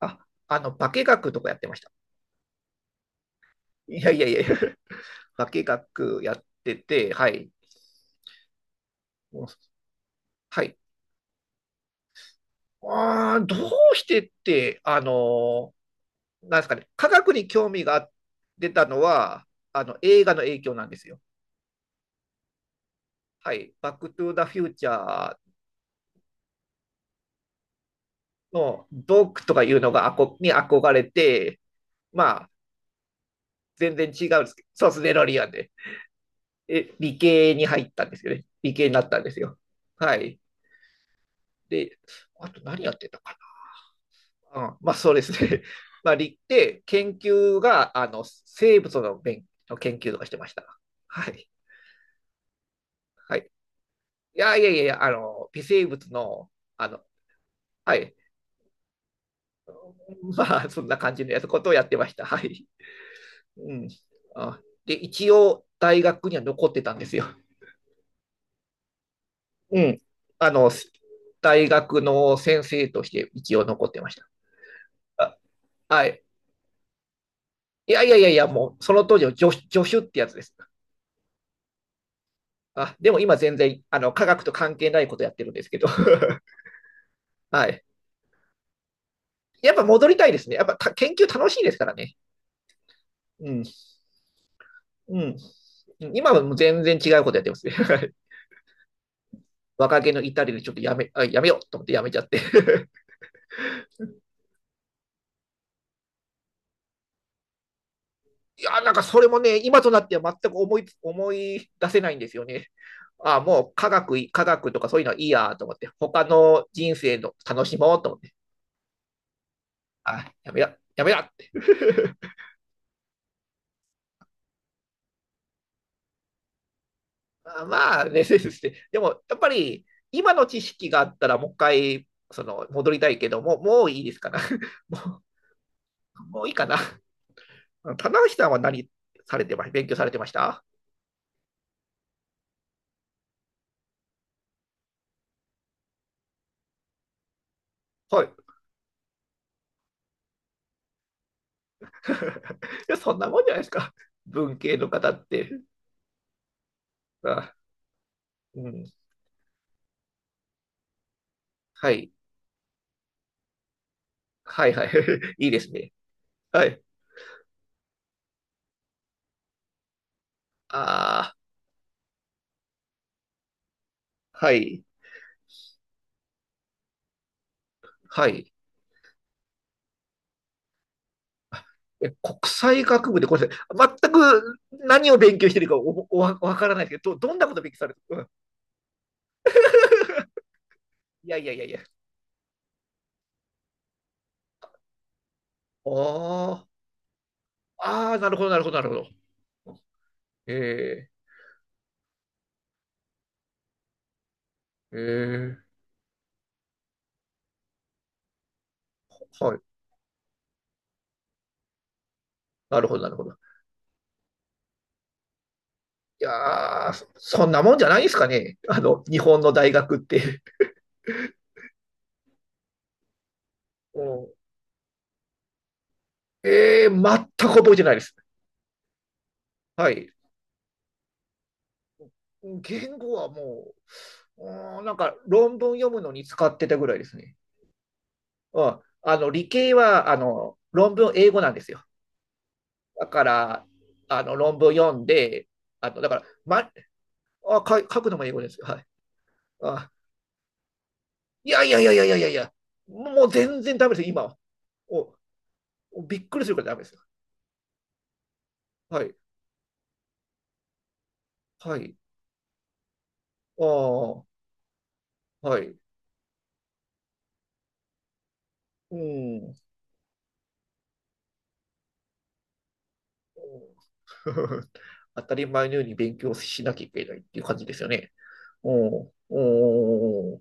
あ、あの、化学とかやってました。いやいやいや、化学やってて、はい。もうはい。どうしてって、あのーなんですかね、科学に興味が出たのは、あの、映画の影響なんですよ。はい。バックトゥーザフューチャーのドックとかいうのがあこに憧れて、まあ、全然違うんですけど、そうですね、デロリアンで。え、理系に入ったんですよね。理系になったんですよ。はい。で、あと何やってたか、うん、まあそうですね。まあ、行って研究が、あの、生物の勉の研究とかしてました。はい。はい。いやいやいやいや、あの、微生物の、あの、はい。まあ、そんな感じのやつことをやってました。はい。うん。あ、で、一応、大学には残ってたんですよ。うん。あの、大学の先生として一応残ってました。あ、はい。いやいやいやいや、もう、その当時の助手ってやつです。あ、でも今全然、あの、科学と関係ないことやってるんですけど。はい。やっぱ戻りたいですね。やっぱた研究楽しいですからね。うん。うん。今はもう全然違うことやってますね。若気の至りでちょっとやめ、あやめようと思ってやめちゃって。いや、なんかそれもね、今となっては全く思い、思い出せないんですよね。ああもう科学、科学とかそういうのはいいやと思って、他の人生の楽しもうと思って、ああやめや、やめやって。あまあね、ですねでも、やっぱり、今の知識があったら、もう一回、その、戻りたいけども、もういいですかな。もう、もういいかな。棚橋さんは何されてました、勉強されてました？はい。いや、そんなもんじゃないですか。文系の方って。あ、うん。はい。はいはい。いいですね。はい。ああ、はい。はい。え、国際学部で、ごめんなさい。全く何を勉強してるかお、お、わわからないですけど、ど、どんなこと勉強されてる、うん、いやいやいやいや。ああ、ああ、なるほど、なるほど、なるほど。ええ、ええ、はい。なるほど、なるほど。いやー、そそんなもんじゃないですかね。あの、日本の大学って。うん、ええ、全く覚えてないです。はい。言語はもうーん、なんか論文読むのに使ってたぐらいですね。うん。あの、理系は、あの、論文英語なんですよ。だから、あの、論文読んで、あの、だから、ま、あ、か、書くのも英語ですよ。はい。あ、いやいやいやいやいやいや、もう全然ダメですよ、今は。お、おびっくりするからダメですよ。はい。はい。ああ、はい。うん。当たり前のように勉強しなきゃいけないっていう感じですよね。うん。うん。い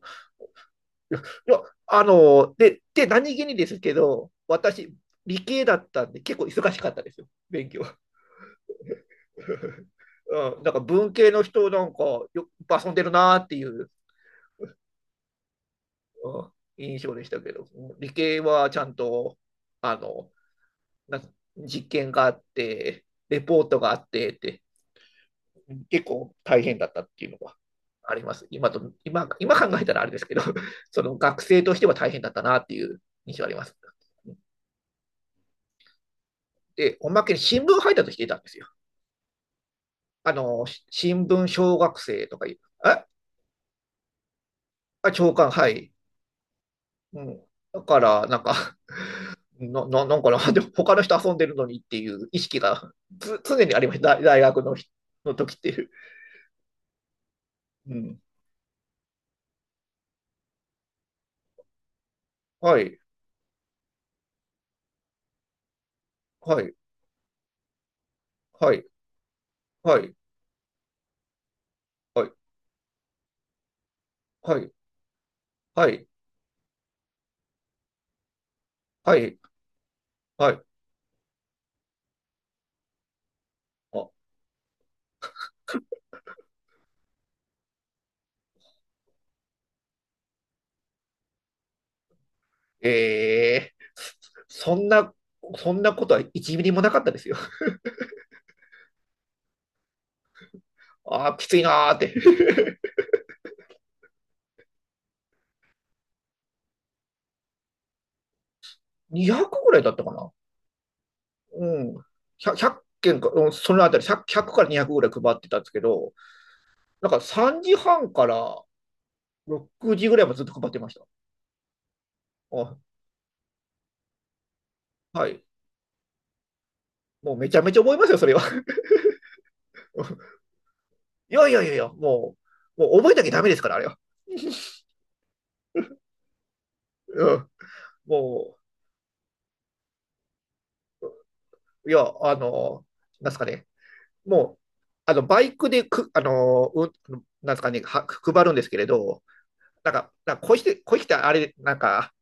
や、あの、で、で、何気にですけど、私、理系だったんで、結構忙しかったですよ、勉強。うん、なんか文系の人、なんかよ、遊んでるなーっていう印象でしたけど、理系はちゃんと、あの、な実験があって、レポートがあってって、結構大変だったっていうのがあります。今と、今、今考えたらあれですけど、その学生としては大変だったなっていう印象あります。で、おまけに新聞配達していたんですよ。あの、し新聞小学生とかいう、えあ、長官、はい。うん。だから、なんか な、な、なんかな、でも他の人遊んでるのにっていう意識がつ常にありました。大大学の日、の時っていう。うん。はい、はい、はい、はい、はい、はい、はい、はい、はい。あ、ええそんな、そんなことは1ミリもなかったですよ。ああ、きついなーって。200ぐらいだったかな。うん。100、件か、うん、そのあたり1から200ぐらい配ってたんですけど、なんか3時半から6時ぐらいもずっと配ってました。あはい。もうめちゃめちゃ覚えますよ、それは。いやいやいやいや、もう、もう覚えなきゃダメですから、あれは。うん。もう、いや、あの、なんすかね。もう、あの、バイクでく、あの、うん、なんすかね、は、配るんですけれど、なんか、なんかこうして、こうしてあれ、なんか、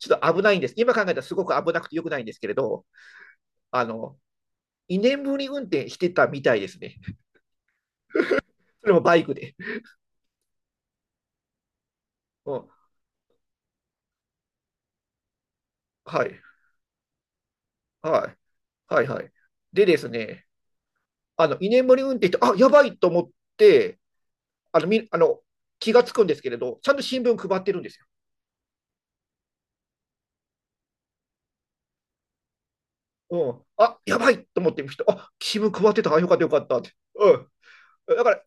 ちょっと危ないんです。今考えたらすごく危なくてよくないんですけれど、あの、にねんぶり運転してたみたいですね。それもバイクで。うん。はい。はい。はい。はい。でですね、あの居眠り運転して、あやばいと思って、あのみあの、気がつくんですけれど、ちゃんと新聞配ってるんですよ。うん、あやばいと思ってみる人、あ新聞配ってた、よかったよかったって。うん、だから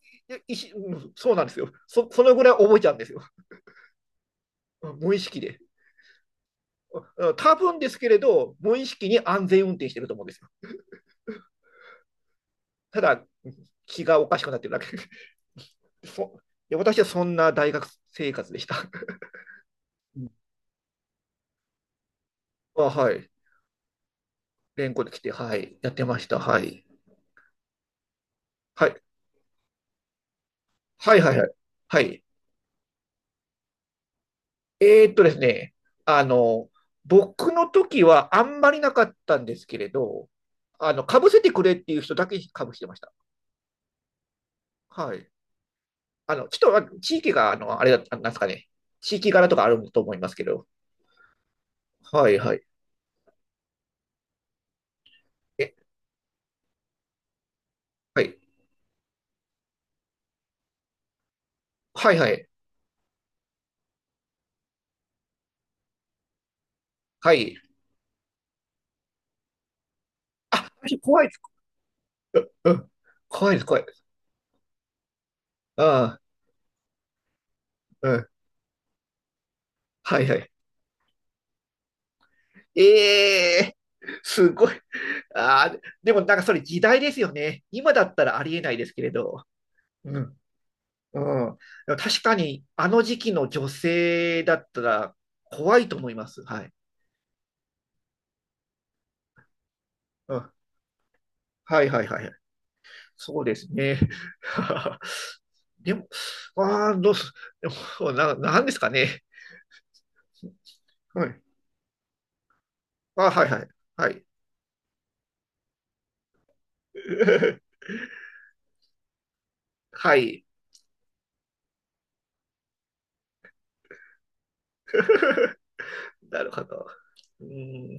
いし、そうなんですよそ。そのぐらい覚えちゃうんですよ。無意識で。多分ですけれど、無意識に安全運転してると思うんですよ。ただ、気がおかしくなってるだけ。そ、私はそんな大学生活でした。あはい。連行で来て、はい。やってました。はい。はい。はいはいはい。はい。ですね、あの、僕の時はあんまりなかったんですけれど、あの、かぶせてくれっていう人だけかぶしてました。はい。あの、ちょっとあ地域が、あの、あれだ、あなんですかね、地域柄とかあると思いますけど、はいはい。え、はい。はいはい。はい。あ、私怖いです。うん。怖いです、怖いです。ああ、うん。はいはい。ええすごい。ああ、でもなんかそれ時代ですよね。今だったらありえないですけれど。うん。うん。でも確かに、あの時期の女性だったら怖いと思います。はい。うん。はいはいはい。そうですね。でも、ああ、どうす、でも、な、なんですかね。はい。あ、はいはい。はい。はい。なるほど。うーん